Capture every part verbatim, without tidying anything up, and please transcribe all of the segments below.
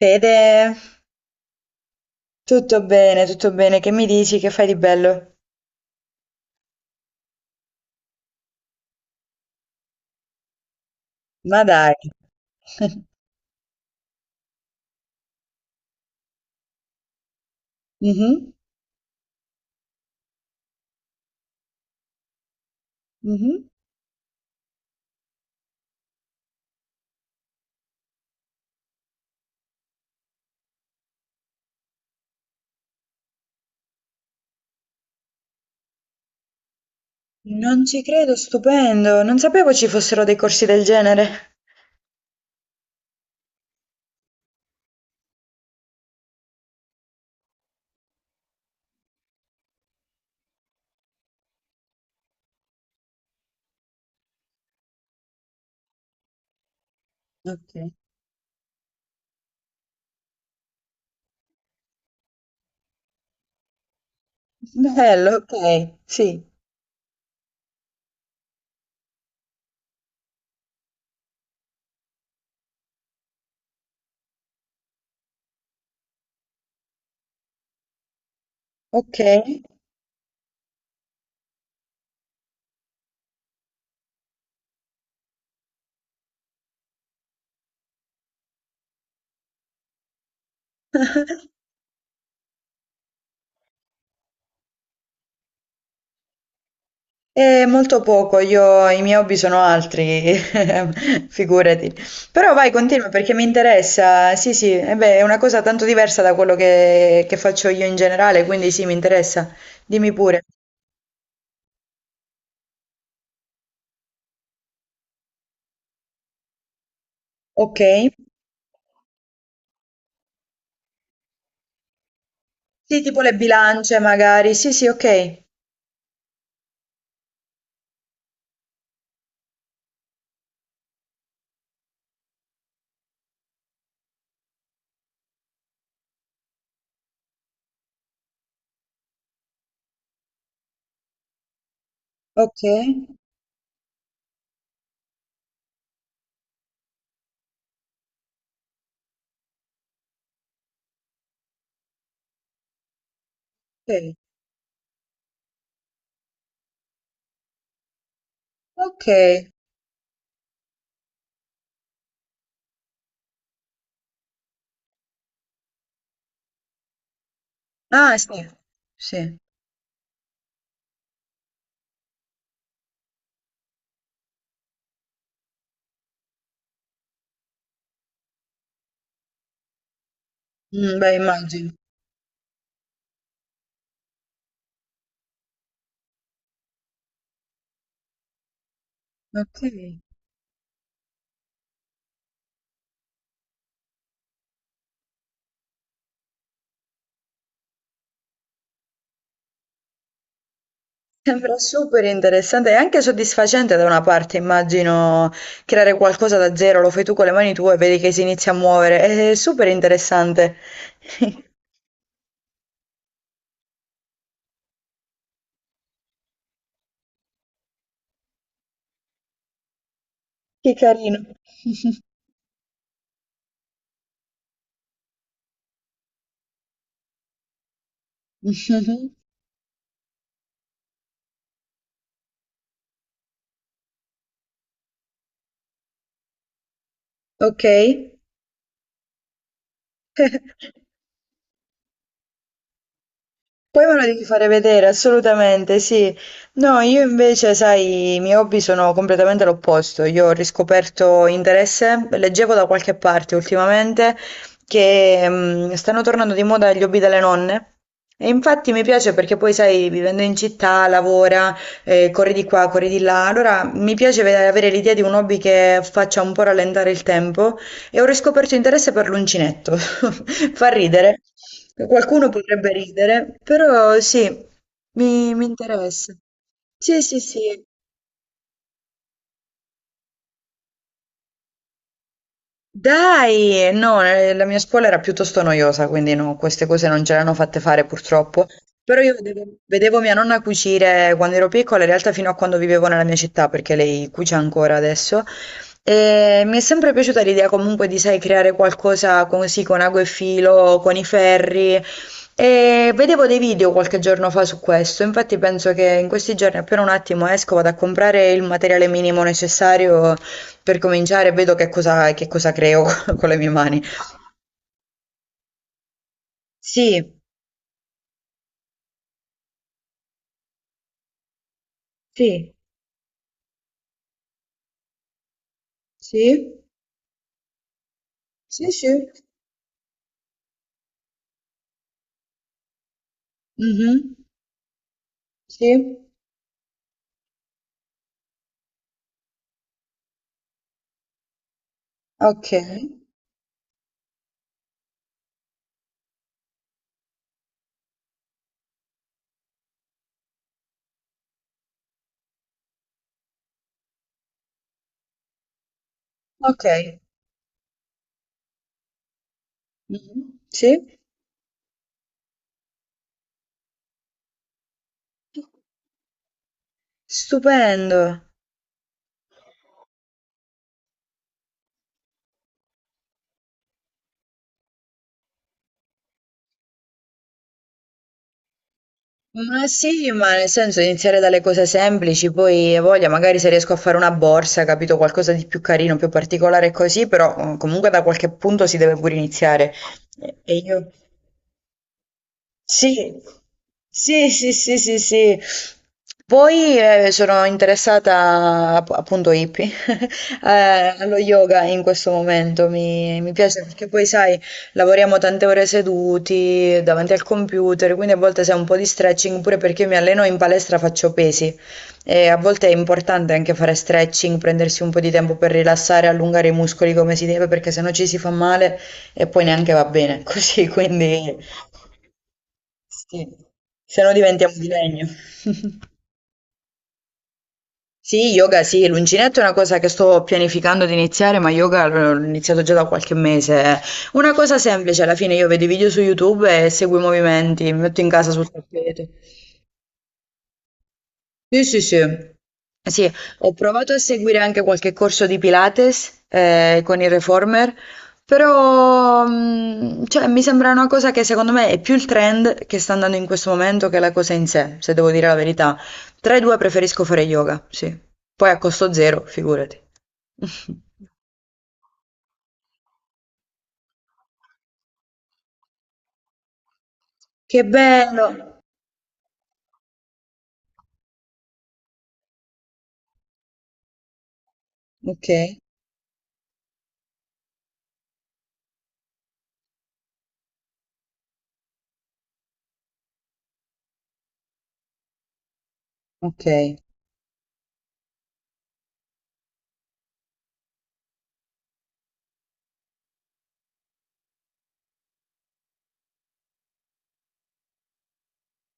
Fede, tutto bene, tutto bene. Che mi dici? Che fai di bello? Ma dai. Mhm, mhm. Non ci credo, stupendo. Non sapevo ci fossero dei corsi del genere. Ok. Bello, ok. Sì, ok. E molto poco, io i miei hobby sono altri, figurati. Però vai, continua perché mi interessa. Sì, sì, e beh, è una cosa tanto diversa da quello che, che faccio io in generale, quindi sì, mi interessa. Dimmi pure. Ok. Sì, tipo le bilance magari. Sì, sì, okay. Okay, okay, okay. Ah sì, sì. Mh, beh immagino. Okay. Sembra super interessante e anche soddisfacente da una parte immagino, creare qualcosa da zero, lo fai tu con le mani tue e vedi che si inizia a muovere. È super interessante. Che carino. Mh-mh. Okay. Poi me lo devi fare vedere, assolutamente, sì. No, io invece, sai, i miei hobby sono completamente l'opposto. Io ho riscoperto interesse, leggevo da qualche parte ultimamente che mm, stanno tornando di moda gli hobby delle nonne. E infatti mi piace perché poi, sai, vivendo in città, lavora, eh, corri di qua, corri di là. Allora mi piace ve- avere l'idea di un hobby che faccia un po' rallentare il tempo e ho riscoperto interesse per l'uncinetto. Fa ridere, qualcuno potrebbe ridere, però sì, mi, mi interessa. Sì, sì, sì. Dai! No, eh, la mia scuola era piuttosto noiosa, quindi no, queste cose non ce le hanno fatte fare purtroppo. Però io vedevo, vedevo mia nonna cucire quando ero piccola, in realtà fino a quando vivevo nella mia città, perché lei cuce ancora adesso. E mi è sempre piaciuta l'idea comunque di, sai, creare qualcosa così con ago e filo, con i ferri. E vedevo dei video qualche giorno fa su questo, infatti penso che in questi giorni appena un attimo esco vado a comprare il materiale minimo necessario per cominciare vedo che cosa, che cosa creo con le mie mani. Sì, sì, sì, sì, sì, mhm, sì, ok, ok, mhm, sì, stupendo. Ma sì, ma nel senso iniziare dalle cose semplici, poi hai voglia, magari se riesco a fare una borsa, capito, qualcosa di più carino, più particolare così, però eh, comunque da qualche punto si deve pure iniziare. E e io... Sì, sì, sì, sì, sì, sì. Poi eh, sono interessata app- appunto hippie eh, allo yoga in questo momento, mi, mi piace perché poi sai, lavoriamo tante ore seduti davanti al computer, quindi a volte sai un po' di stretching pure perché io mi alleno in palestra, faccio pesi e a volte è importante anche fare stretching, prendersi un po' di tempo per rilassare, allungare i muscoli come si deve perché sennò ci si fa male e poi neanche va bene così, quindi... Sì, se no diventiamo di legno. Sì, yoga sì, l'uncinetto è una cosa che sto pianificando di iniziare, ma yoga l'ho iniziato già da qualche mese. Una cosa semplice, alla fine io vedo i video su YouTube e seguo i movimenti, mi metto in casa sul tappeto. Sì, sì, sì. Sì, ho provato a seguire anche qualche corso di Pilates eh, con il Reformer, però mm, cioè, mi sembra una cosa che secondo me è più il trend che sta andando in questo momento che la cosa in sé, se devo dire la verità. Tra i due preferisco fare yoga, sì. Poi a costo zero, figurati. Che bello! Ok, ok.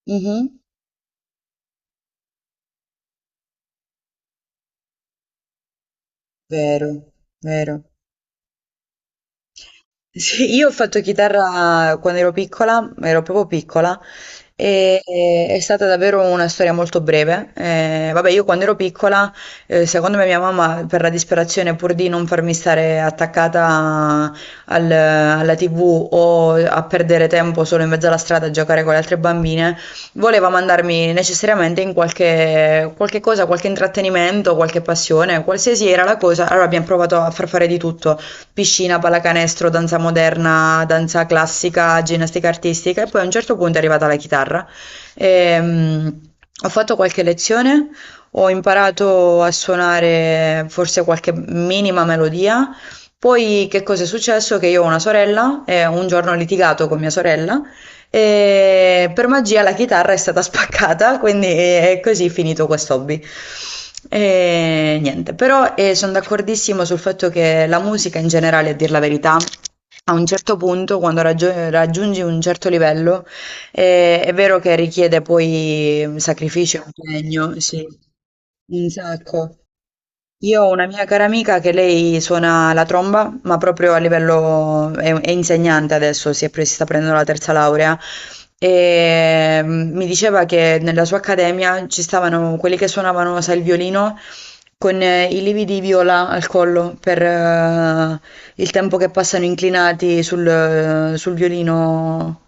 Mhm, vero, vero. Sì, io ho fatto chitarra quando ero piccola, ero proprio piccola, e, e- è stata davvero una storia molto breve. Eh, vabbè, io quando ero piccola, eh, secondo me mia mamma, per la disperazione, pur di non farmi stare attaccata al- alla T V o a perdere tempo solo in mezzo alla strada a giocare con le altre bambine, voleva mandarmi necessariamente in qualche, qualche cosa, qualche intrattenimento, qualche passione, qualsiasi era la cosa. Allora abbiamo provato a far fare di tutto piscina, pallacanestro, danza moderna, danza classica, ginnastica artistica e poi a un certo punto è arrivata la chitarra. Ehm, ho fatto qualche lezione, ho imparato a suonare forse qualche minima melodia. Poi che cosa è successo? Che io ho una sorella e un giorno ho litigato con mia sorella e per magia la chitarra è stata spaccata, quindi è così finito quest'hobby. E niente, però eh, sono d'accordissimo sul fatto che la musica in generale, a dir la verità, a un certo punto, quando raggi- raggiungi un certo livello, eh, è vero che richiede poi sacrificio e impegno, sì, un sacco. Io ho una mia cara amica che lei suona la tromba, ma proprio a livello... è, è insegnante adesso, si, è pre- si sta prendendo la terza laurea, e mm, mi diceva che nella sua accademia ci stavano quelli che suonavano, sai, il violino con eh, i lividi di viola al collo per eh, il tempo che passano inclinati sul, eh, sul violino.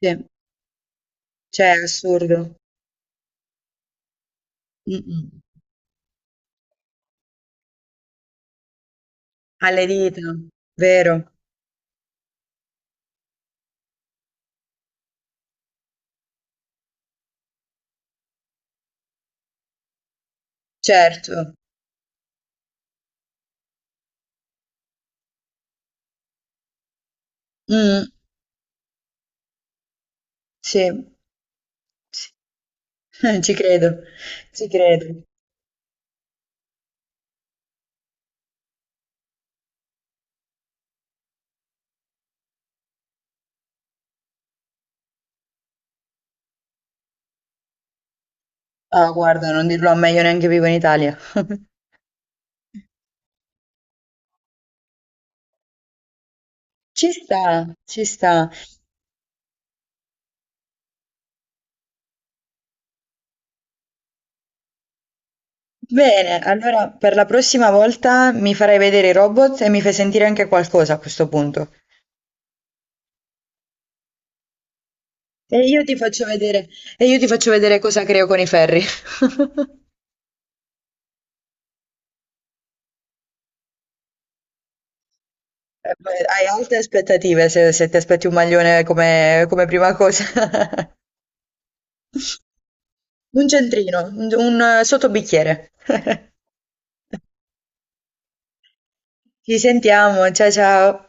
Sì, cioè, è assurdo. Mm-mm. Alle dita, vero? Certo. Mm, sì. Sì. Eh, ci credo, ci credo. Ah, guarda, non dirlo a me, io neanche vivo in Italia. Ci sta, ci sta. Bene, allora per la prossima volta mi farai vedere i robot e mi fai sentire anche qualcosa a questo punto. E io ti faccio vedere, e io ti faccio vedere cosa creo con i ferri. Eh, beh, hai alte aspettative se, se ti aspetti un maglione come, come prima cosa. Un centrino, un, un eh, sottobicchiere. Ci sentiamo, ciao ciao.